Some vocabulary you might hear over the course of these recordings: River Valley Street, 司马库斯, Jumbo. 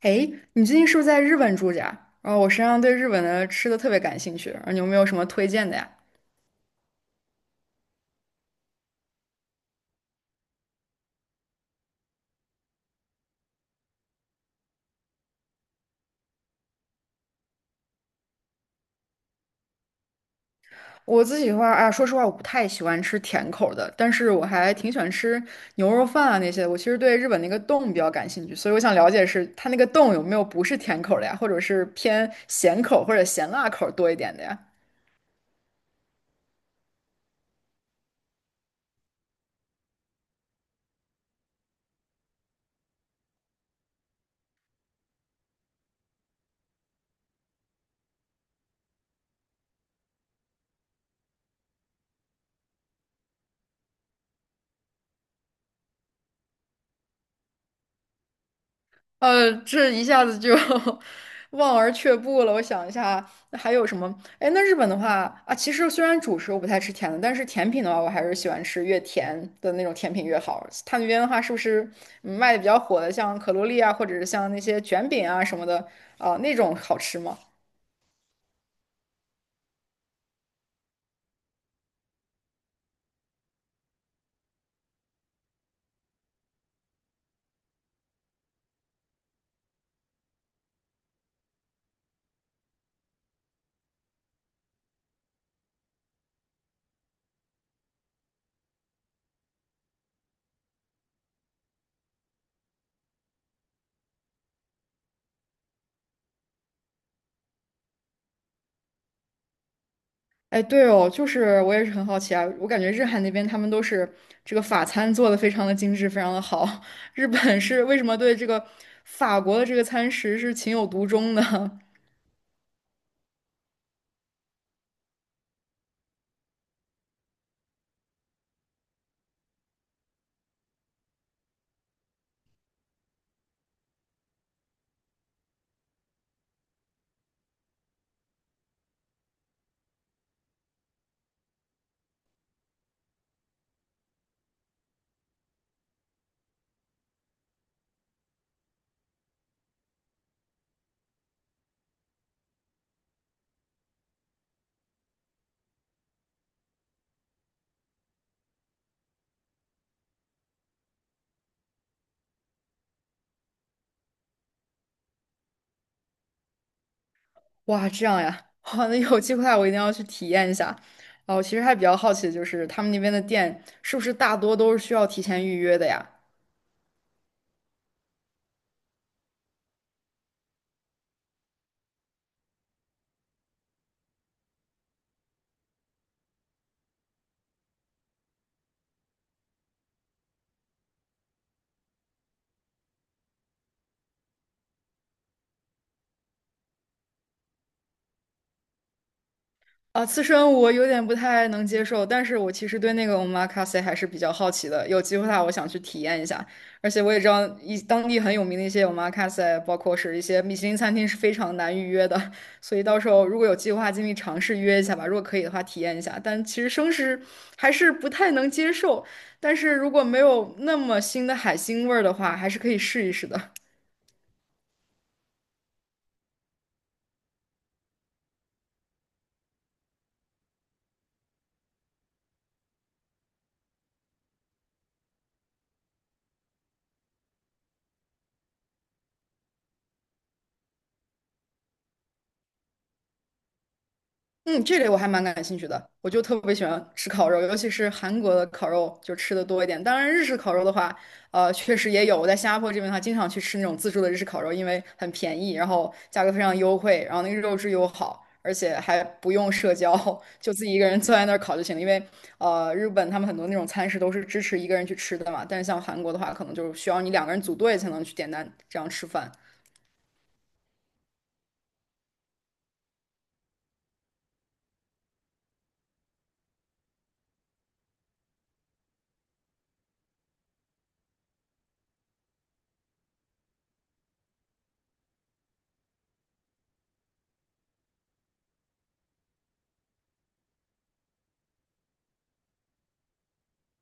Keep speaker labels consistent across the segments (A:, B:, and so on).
A: 哎，你最近是不是在日本住着呀？然后我实际上对日本的吃的特别感兴趣，然后你有没有什么推荐的呀？我自己的话啊，说实话，我不太喜欢吃甜口儿的，但是我还挺喜欢吃牛肉饭啊那些的，我其实对日本那个洞比较感兴趣，所以我想了解是它那个洞有没有不是甜口儿的呀，或者是偏咸口儿或者咸辣口儿多一点的呀？这一下子就 望而却步了。我想一下，那还有什么？哎，那日本的话啊，其实虽然主食我不太吃甜的，但是甜品的话，我还是喜欢吃越甜的那种甜品越好。他那边的话，是不是卖的比较火的，像可露丽啊，或者是像那些卷饼啊什么的啊，那种好吃吗？哎，对哦，就是我也是很好奇啊，我感觉日韩那边他们都是这个法餐做的非常的精致，非常的好。日本是为什么对这个法国的这个餐食是情有独钟呢？哇，这样呀，哇，那有机会啊我一定要去体验一下。哦，我其实还比较好奇的就是他们那边的店是不是大多都是需要提前预约的呀？啊，刺身我有点不太能接受，但是我其实对那个 omakase 还是比较好奇的，有机会的话我想去体验一下。而且我也知道一当地很有名的一些 omakase，包括是一些米其林餐厅是非常难预约的，所以到时候如果有计划，尽力尝试约一下吧。如果可以的话，体验一下。但其实生食还是不太能接受，但是如果没有那么腥的海腥味儿的话，还是可以试一试的。嗯，这类我还蛮感兴趣的，我就特别喜欢吃烤肉，尤其是韩国的烤肉，就吃的多一点。当然，日式烤肉的话，确实也有。我在新加坡这边的话，经常去吃那种自助的日式烤肉，因为很便宜，然后价格非常优惠，然后那个肉质又好，而且还不用社交，就自己一个人坐在那儿烤就行了。因为日本他们很多那种餐食都是支持一个人去吃的嘛，但是像韩国的话，可能就是需要你两个人组队才能去点单这样吃饭。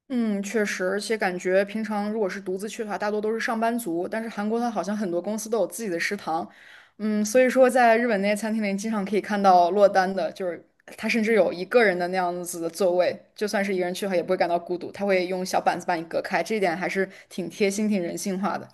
A: 嗯，确实，而且感觉平常如果是独自去的话，大多都是上班族。但是韩国它好像很多公司都有自己的食堂，嗯，所以说在日本那些餐厅里，经常可以看到落单的，就是他甚至有一个人的那样子的座位，就算是一个人去的话，也不会感到孤独，他会用小板子把你隔开，这一点还是挺贴心、挺人性化的。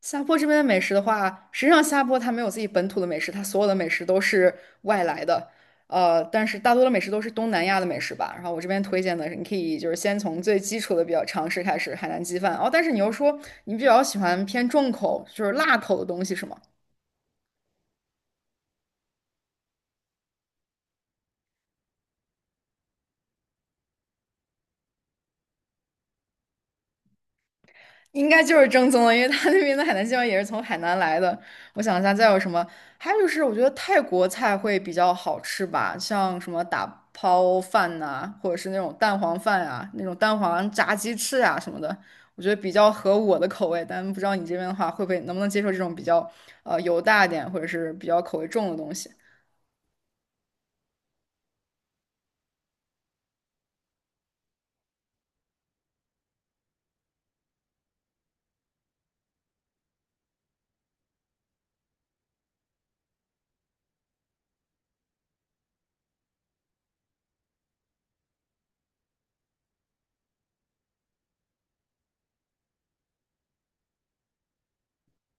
A: 下坡这边的美食的话，实际上下坡它没有自己本土的美食，它所有的美食都是外来的。呃，但是大多的美食都是东南亚的美食吧。然后我这边推荐的是，你可以就是先从最基础的比较常识开始，海南鸡饭。哦，但是你又说你比较喜欢偏重口，就是辣口的东西是吗？应该就是正宗的，因为他那边的海南鸡饭也是从海南来的。我想一下，再有什么？还有就是，我觉得泰国菜会比较好吃吧，像什么打抛饭呐、或者是那种蛋黄饭啊，那种蛋黄炸鸡翅啊什么的，我觉得比较合我的口味。但不知道你这边的话，会不会能不能接受这种比较油大一点，或者是比较口味重的东西？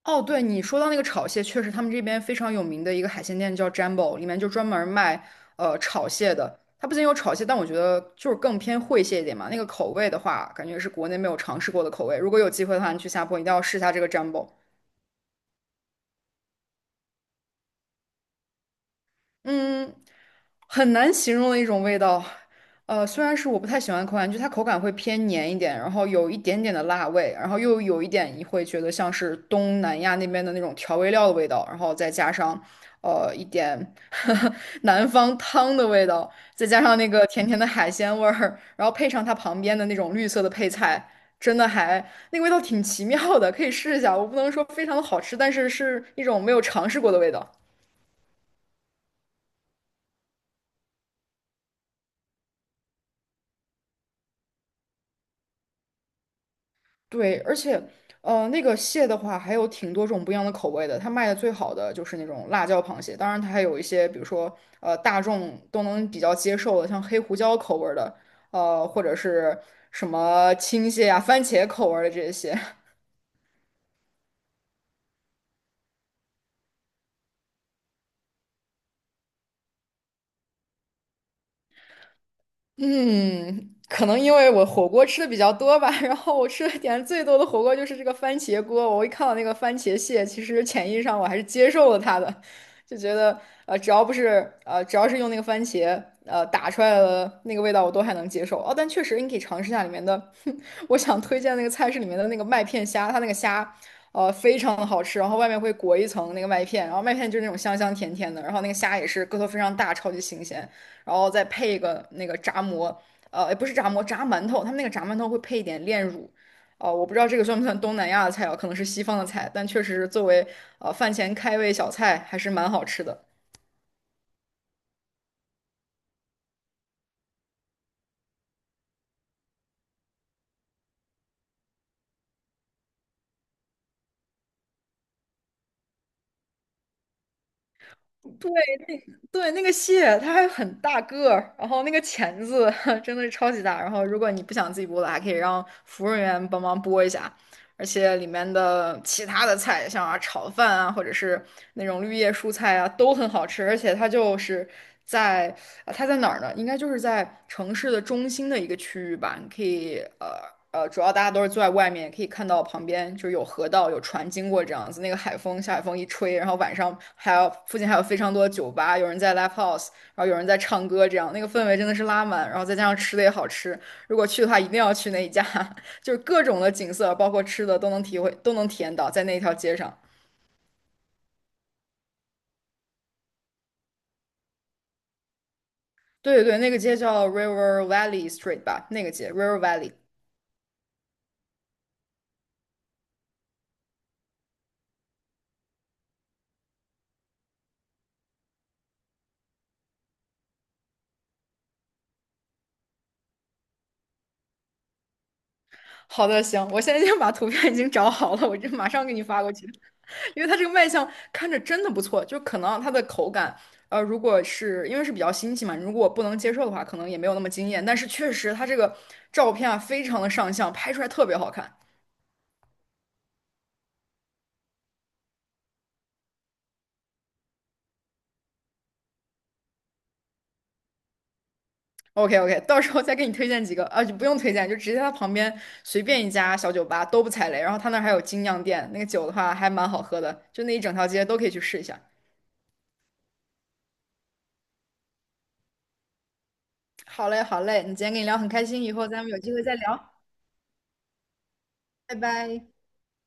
A: 哦，对，你说到那个炒蟹，确实他们这边非常有名的一个海鲜店叫 Jumbo，里面就专门卖炒蟹的。它不仅有炒蟹，但我觉得就是更偏烩蟹一点嘛。那个口味的话，感觉是国内没有尝试过的口味。如果有机会的话，你去下坡一定要试一下这个 Jumbo。嗯，很难形容的一种味道。虽然是我不太喜欢口感，就它口感会偏黏一点，然后有一点点的辣味，然后又有一点你会觉得像是东南亚那边的那种调味料的味道，然后再加上一点 南方汤的味道，再加上那个甜甜的海鲜味儿，然后配上它旁边的那种绿色的配菜，真的还那个味道挺奇妙的，可以试一下。我不能说非常的好吃，但是是一种没有尝试过的味道。对，而且，那个蟹的话，还有挺多种不一样的口味的。它卖的最好的就是那种辣椒螃蟹，当然它还有一些，比如说，大众都能比较接受的，像黑胡椒口味儿的，或者是什么青蟹啊、番茄口味儿的这些。嗯，可能因为我火锅吃的比较多吧，然后我吃的点最多的火锅就是这个番茄锅。我一看到那个番茄蟹，其实潜意识上我还是接受了它的，就觉得呃，只要不是呃，只要是用那个番茄打出来的那个味道，我都还能接受。哦，但确实你可以尝试一下里面的，我想推荐那个菜市里面的那个麦片虾，它那个虾非常的好吃，然后外面会裹一层那个麦片，然后麦片就是那种香香甜甜的，然后那个虾也是个头非常大，超级新鲜。然后再配一个那个炸馍，也不是炸馍，炸馒头。他们那个炸馒头会配一点炼乳，哦、我不知道这个算不算东南亚的菜啊，可能是西方的菜，但确实作为饭前开胃小菜还是蛮好吃的。对对，那个蟹它还很大个儿，然后那个钳子 真的是超级大。然后如果你不想自己剥的，还可以让服务员帮忙剥一下。而且里面的其他的菜，像啊炒饭啊，或者是那种绿叶蔬菜啊，都很好吃。而且它就是在啊，它在哪儿呢？应该就是在城市的中心的一个区域吧。你可以主要大家都是坐在外面，也可以看到旁边就是有河道、有船经过这样子。那个海风，下海风一吹，然后晚上还有附近还有非常多的酒吧，有人在 live house，然后有人在唱歌，这样那个氛围真的是拉满。然后再加上吃的也好吃，如果去的话一定要去那一家。就是各种的景色，包括吃的都能体会，都能体验到在那一条街上。对对对，那个街叫 River Valley Street 吧，那个街 River Valley。好的，行，我现在已经把图片已经找好了，我就马上给你发过去。因为它这个卖相看着真的不错，就可能它的口感，如果是因为是比较新奇嘛，如果我不能接受的话，可能也没有那么惊艳。但是确实它这个照片啊，非常的上相，拍出来特别好看。OK OK，到时候再给你推荐几个啊，就不用推荐，就直接他旁边随便一家小酒吧都不踩雷，然后他那儿还有精酿店，那个酒的话还蛮好喝的，就那一整条街都可以去试一下。好嘞好嘞，你今天跟你聊很开心，以后咱们有机会再聊，拜拜。